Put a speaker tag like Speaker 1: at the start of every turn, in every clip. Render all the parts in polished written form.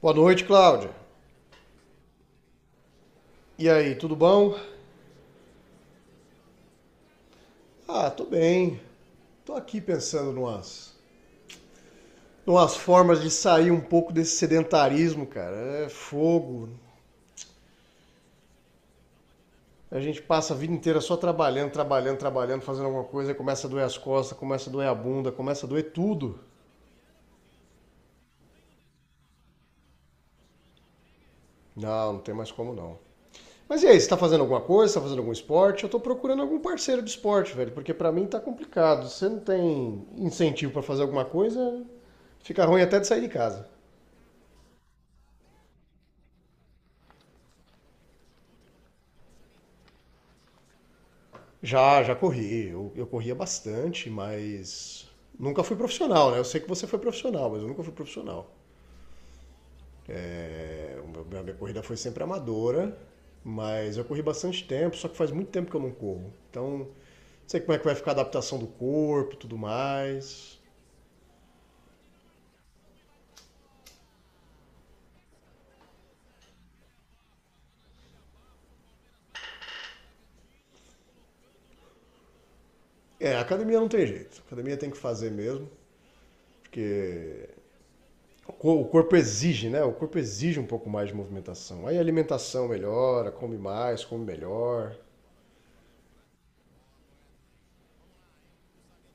Speaker 1: Boa noite, Cláudia. E aí, tudo bom? Ah, tô bem. Tô aqui pensando numas formas de sair um pouco desse sedentarismo, cara. É fogo. A gente passa a vida inteira só trabalhando, trabalhando, trabalhando, fazendo alguma coisa, aí começa a doer as costas, começa a doer a bunda, começa a doer tudo. Não, não tem mais como não. Mas e aí, você tá fazendo alguma coisa? Você tá fazendo algum esporte? Eu tô procurando algum parceiro de esporte, velho, porque pra mim tá complicado. Você não tem incentivo pra fazer alguma coisa, fica ruim até de sair de casa. Já, já corri. Eu corria bastante, mas nunca fui profissional, né? Eu sei que você foi profissional, mas eu nunca fui profissional. É, a minha corrida foi sempre amadora, mas eu corri bastante tempo, só que faz muito tempo que eu não corro. Então, não sei como é que vai ficar a adaptação do corpo, tudo mais. É, a academia não tem jeito. A academia tem que fazer mesmo, porque o corpo exige, né? O corpo exige um pouco mais de movimentação. Aí a alimentação melhora, come mais, come melhor.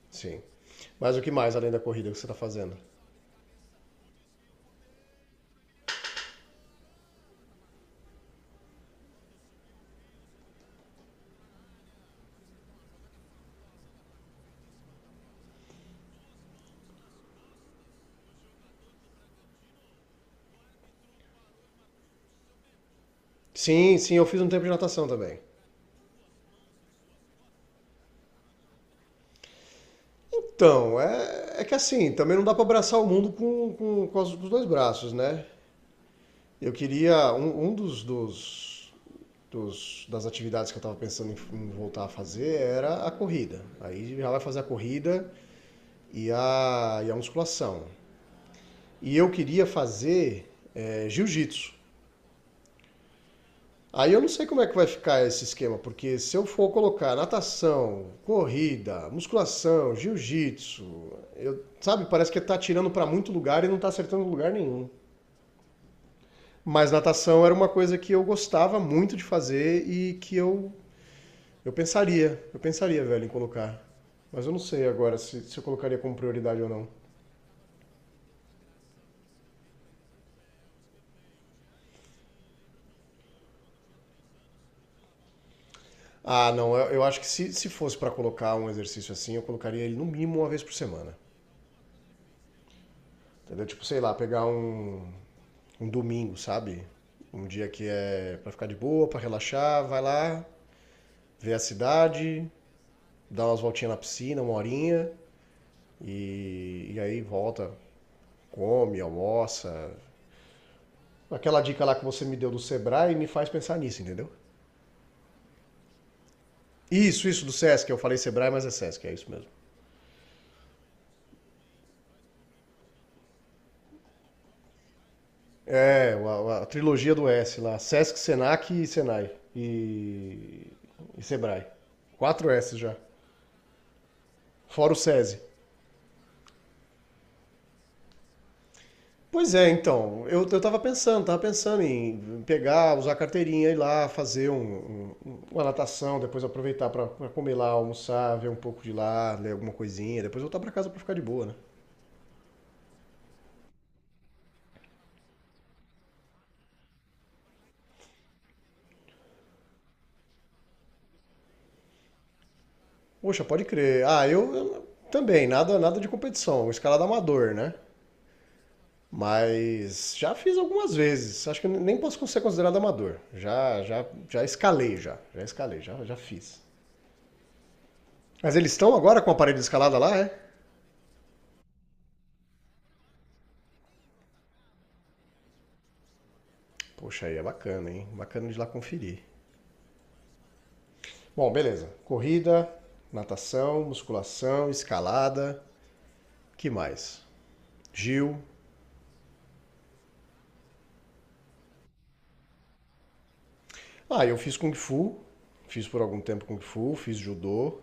Speaker 1: Sim. Mas o que mais além da corrida que você está fazendo? Sim, sim, eu fiz um tempo de natação também. Então, é que assim, também não dá para abraçar o mundo com os dois braços, né? Eu queria. Um das atividades que eu estava pensando em voltar a fazer era a corrida. Aí já vai fazer a corrida e a musculação. E eu queria fazer jiu-jitsu. Aí eu não sei como é que vai ficar esse esquema, porque se eu for colocar natação, corrida, musculação, jiu-jitsu, sabe, parece que tá tirando para muito lugar e não tá acertando lugar nenhum. Mas natação era uma coisa que eu gostava muito de fazer e que eu pensaria, eu pensaria, velho, em colocar. Mas eu não sei agora se eu colocaria como prioridade ou não. Ah, não, eu acho que se fosse para colocar um exercício assim, eu colocaria ele no mínimo uma vez por semana. Entendeu? Tipo, sei lá, pegar um domingo, sabe? Um dia que é pra ficar de boa, pra relaxar, vai lá, vê a cidade, dá umas voltinhas na piscina, uma horinha, e aí volta, come, almoça. Aquela dica lá que você me deu do Sebrae me faz pensar nisso, entendeu? Isso do Sesc, eu falei Sebrae, mas é Sesc, é isso mesmo. É, a trilogia do S lá, Sesc, Senac e Senai. E, e Sebrae. Quatro S já. Fora o SESI. Pois é, então, eu tava pensando em pegar, usar a carteirinha, ir lá fazer uma natação, depois aproveitar pra comer lá, almoçar, ver um pouco de lá, ler alguma coisinha, depois voltar pra casa pra ficar de boa, né? Poxa, pode crer. Ah, eu também, nada, nada de competição, escalada amador, né? Mas já fiz algumas vezes, acho que nem posso ser considerado amador. Já escalei, já escalei, já fiz. Mas eles estão agora com o aparelho de escalada lá, é? Poxa, aí é bacana, hein? Bacana de ir lá conferir. Bom, beleza. Corrida, natação, musculação, escalada, que mais? Gil. Ah, eu fiz Kung Fu, fiz por algum tempo Kung Fu, fiz judô,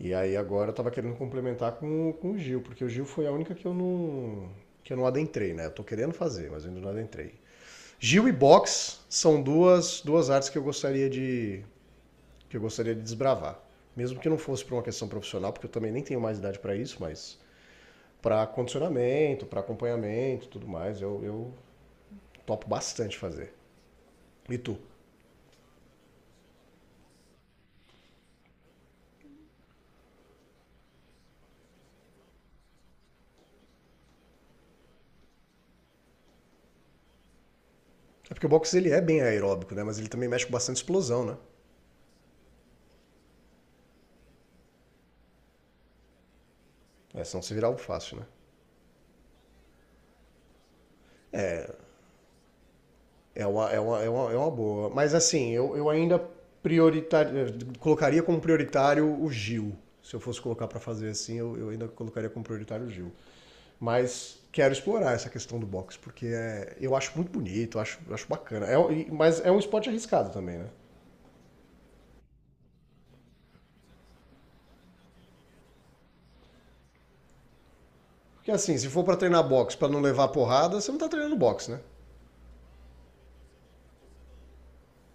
Speaker 1: e aí agora eu tava querendo complementar com o Gil, porque o Gil foi a única que eu não adentrei, né? Eu tô querendo fazer, mas eu ainda não adentrei. Gil e box são duas artes que eu gostaria de desbravar. Mesmo que não fosse por uma questão profissional, porque eu também nem tenho mais idade para isso, mas para condicionamento, para acompanhamento e tudo mais. Eu topo bastante fazer. E tu? É porque o boxe ele é bem aeróbico, né? Mas ele também mexe com bastante explosão, né? É, senão se virar algo fácil, né? É uma boa. Mas assim, eu ainda prioritário, colocaria como prioritário o Gil. Se eu fosse colocar para fazer assim, eu ainda colocaria como prioritário o Gil. Mas quero explorar essa questão do boxe, porque eu acho muito bonito, eu acho bacana. É, mas é um esporte arriscado também, né? Porque assim, se for para treinar boxe para não levar porrada, você não tá treinando boxe, né?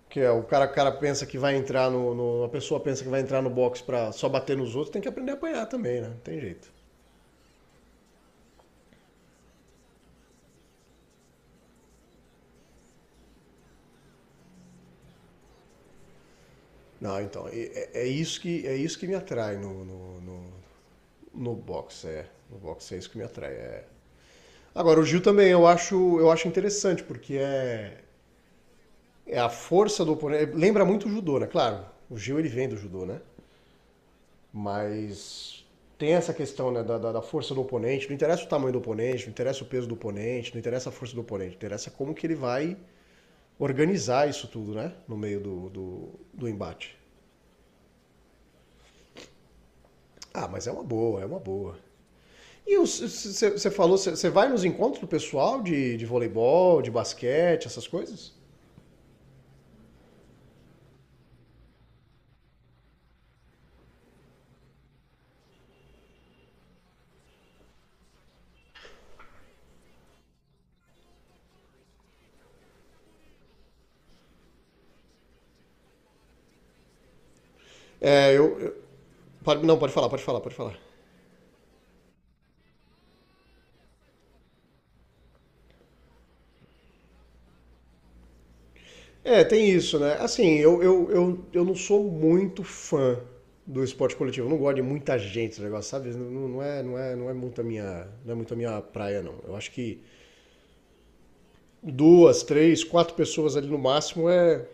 Speaker 1: Porque o cara pensa que vai entrar A pessoa pensa que vai entrar no boxe para só bater nos outros, tem que aprender a apanhar também, né? Não tem jeito. Não, então, é isso que me atrai no boxe, é. No boxe é isso que me atrai. É. Agora, o jiu também eu acho interessante, porque é a força do oponente. Lembra muito o judô, né? Claro, o jiu ele vem do judô, né? Mas tem essa questão né, da força do oponente. Não interessa o tamanho do oponente, não interessa o peso do oponente, não interessa a força do oponente. Interessa como que ele vai organizar isso tudo, né? No meio do embate. Ah, mas é uma boa, é uma boa. E você falou, você vai nos encontros do pessoal de voleibol, de basquete, essas coisas? É, não, pode falar, pode falar, pode falar. É, tem isso, né? Assim, eu não sou muito fã do esporte coletivo. Eu não gosto de muita gente, esse negócio, sabe? Não, não é muito a minha, não é muito a minha praia, não. Eu acho que duas, três, quatro pessoas ali no máximo é,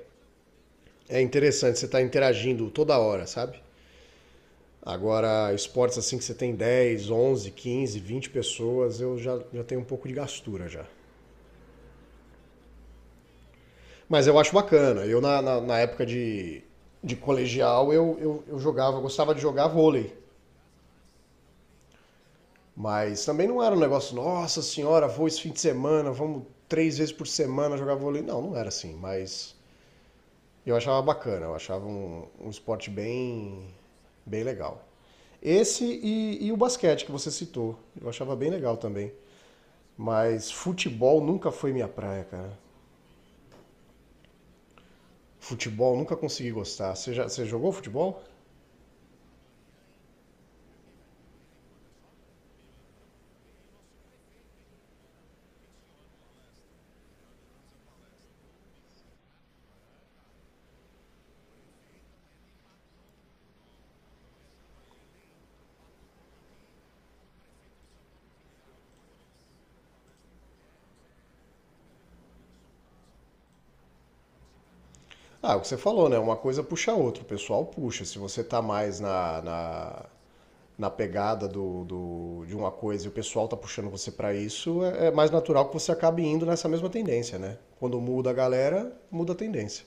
Speaker 1: é interessante. Você tá interagindo toda hora, sabe? Agora, esportes assim que você tem 10, 11, 15, 20 pessoas, eu já tenho um pouco de gastura já. Mas eu acho bacana. Na época de colegial, eu jogava, eu gostava de jogar vôlei. Mas também não era um negócio, nossa senhora, vou esse fim de semana, vamos 3 vezes por semana jogar vôlei. Não, não era assim, mas eu achava bacana, eu achava um esporte bem, bem legal. Esse e o basquete que você citou, eu achava bem legal também. Mas futebol nunca foi minha praia, cara. Futebol nunca consegui gostar. Você jogou futebol? Ah, é o que você falou, né? Uma coisa puxa a outra. O pessoal puxa. Se você tá mais na pegada de uma coisa e o pessoal tá puxando você para isso, é mais natural que você acabe indo nessa mesma tendência, né? Quando muda a galera, muda a tendência.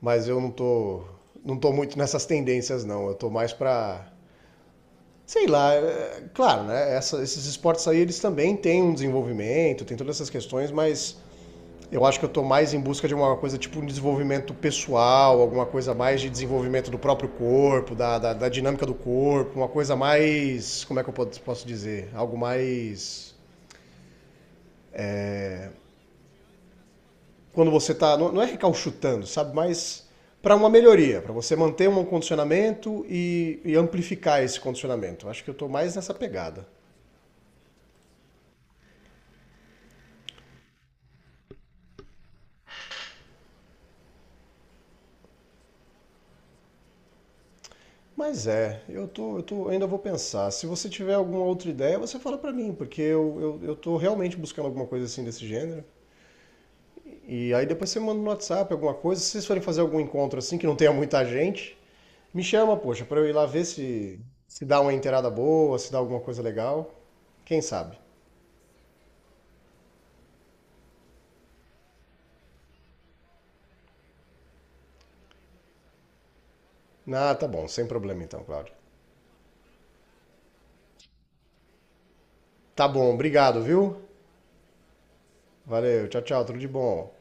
Speaker 1: Mas eu não tô muito nessas tendências, não. Eu tô mais pra. Sei lá, é, claro, né? Esses esportes aí, eles também têm um desenvolvimento, tem todas essas questões, mas eu acho que eu estou mais em busca de uma coisa tipo um desenvolvimento pessoal, alguma coisa mais de desenvolvimento do próprio corpo, da dinâmica do corpo, uma coisa mais. Como é que eu posso dizer? Algo mais. Quando você está. Não, não é recalchutando, sabe? Mas para uma melhoria, para você manter um condicionamento e amplificar esse condicionamento. Eu acho que eu estou mais nessa pegada. Mas eu tô, ainda vou pensar. Se você tiver alguma outra ideia, você fala para mim, porque eu, estou eu realmente buscando alguma coisa assim desse gênero. E aí depois você manda no WhatsApp alguma coisa. Se vocês forem fazer algum encontro assim, que não tenha muita gente, me chama, poxa, pra eu ir lá ver se dá uma inteirada boa, se dá alguma coisa legal. Quem sabe? Ah, tá bom, sem problema então, Cláudio. Tá bom, obrigado, viu? Valeu, tchau, tchau, tudo de bom.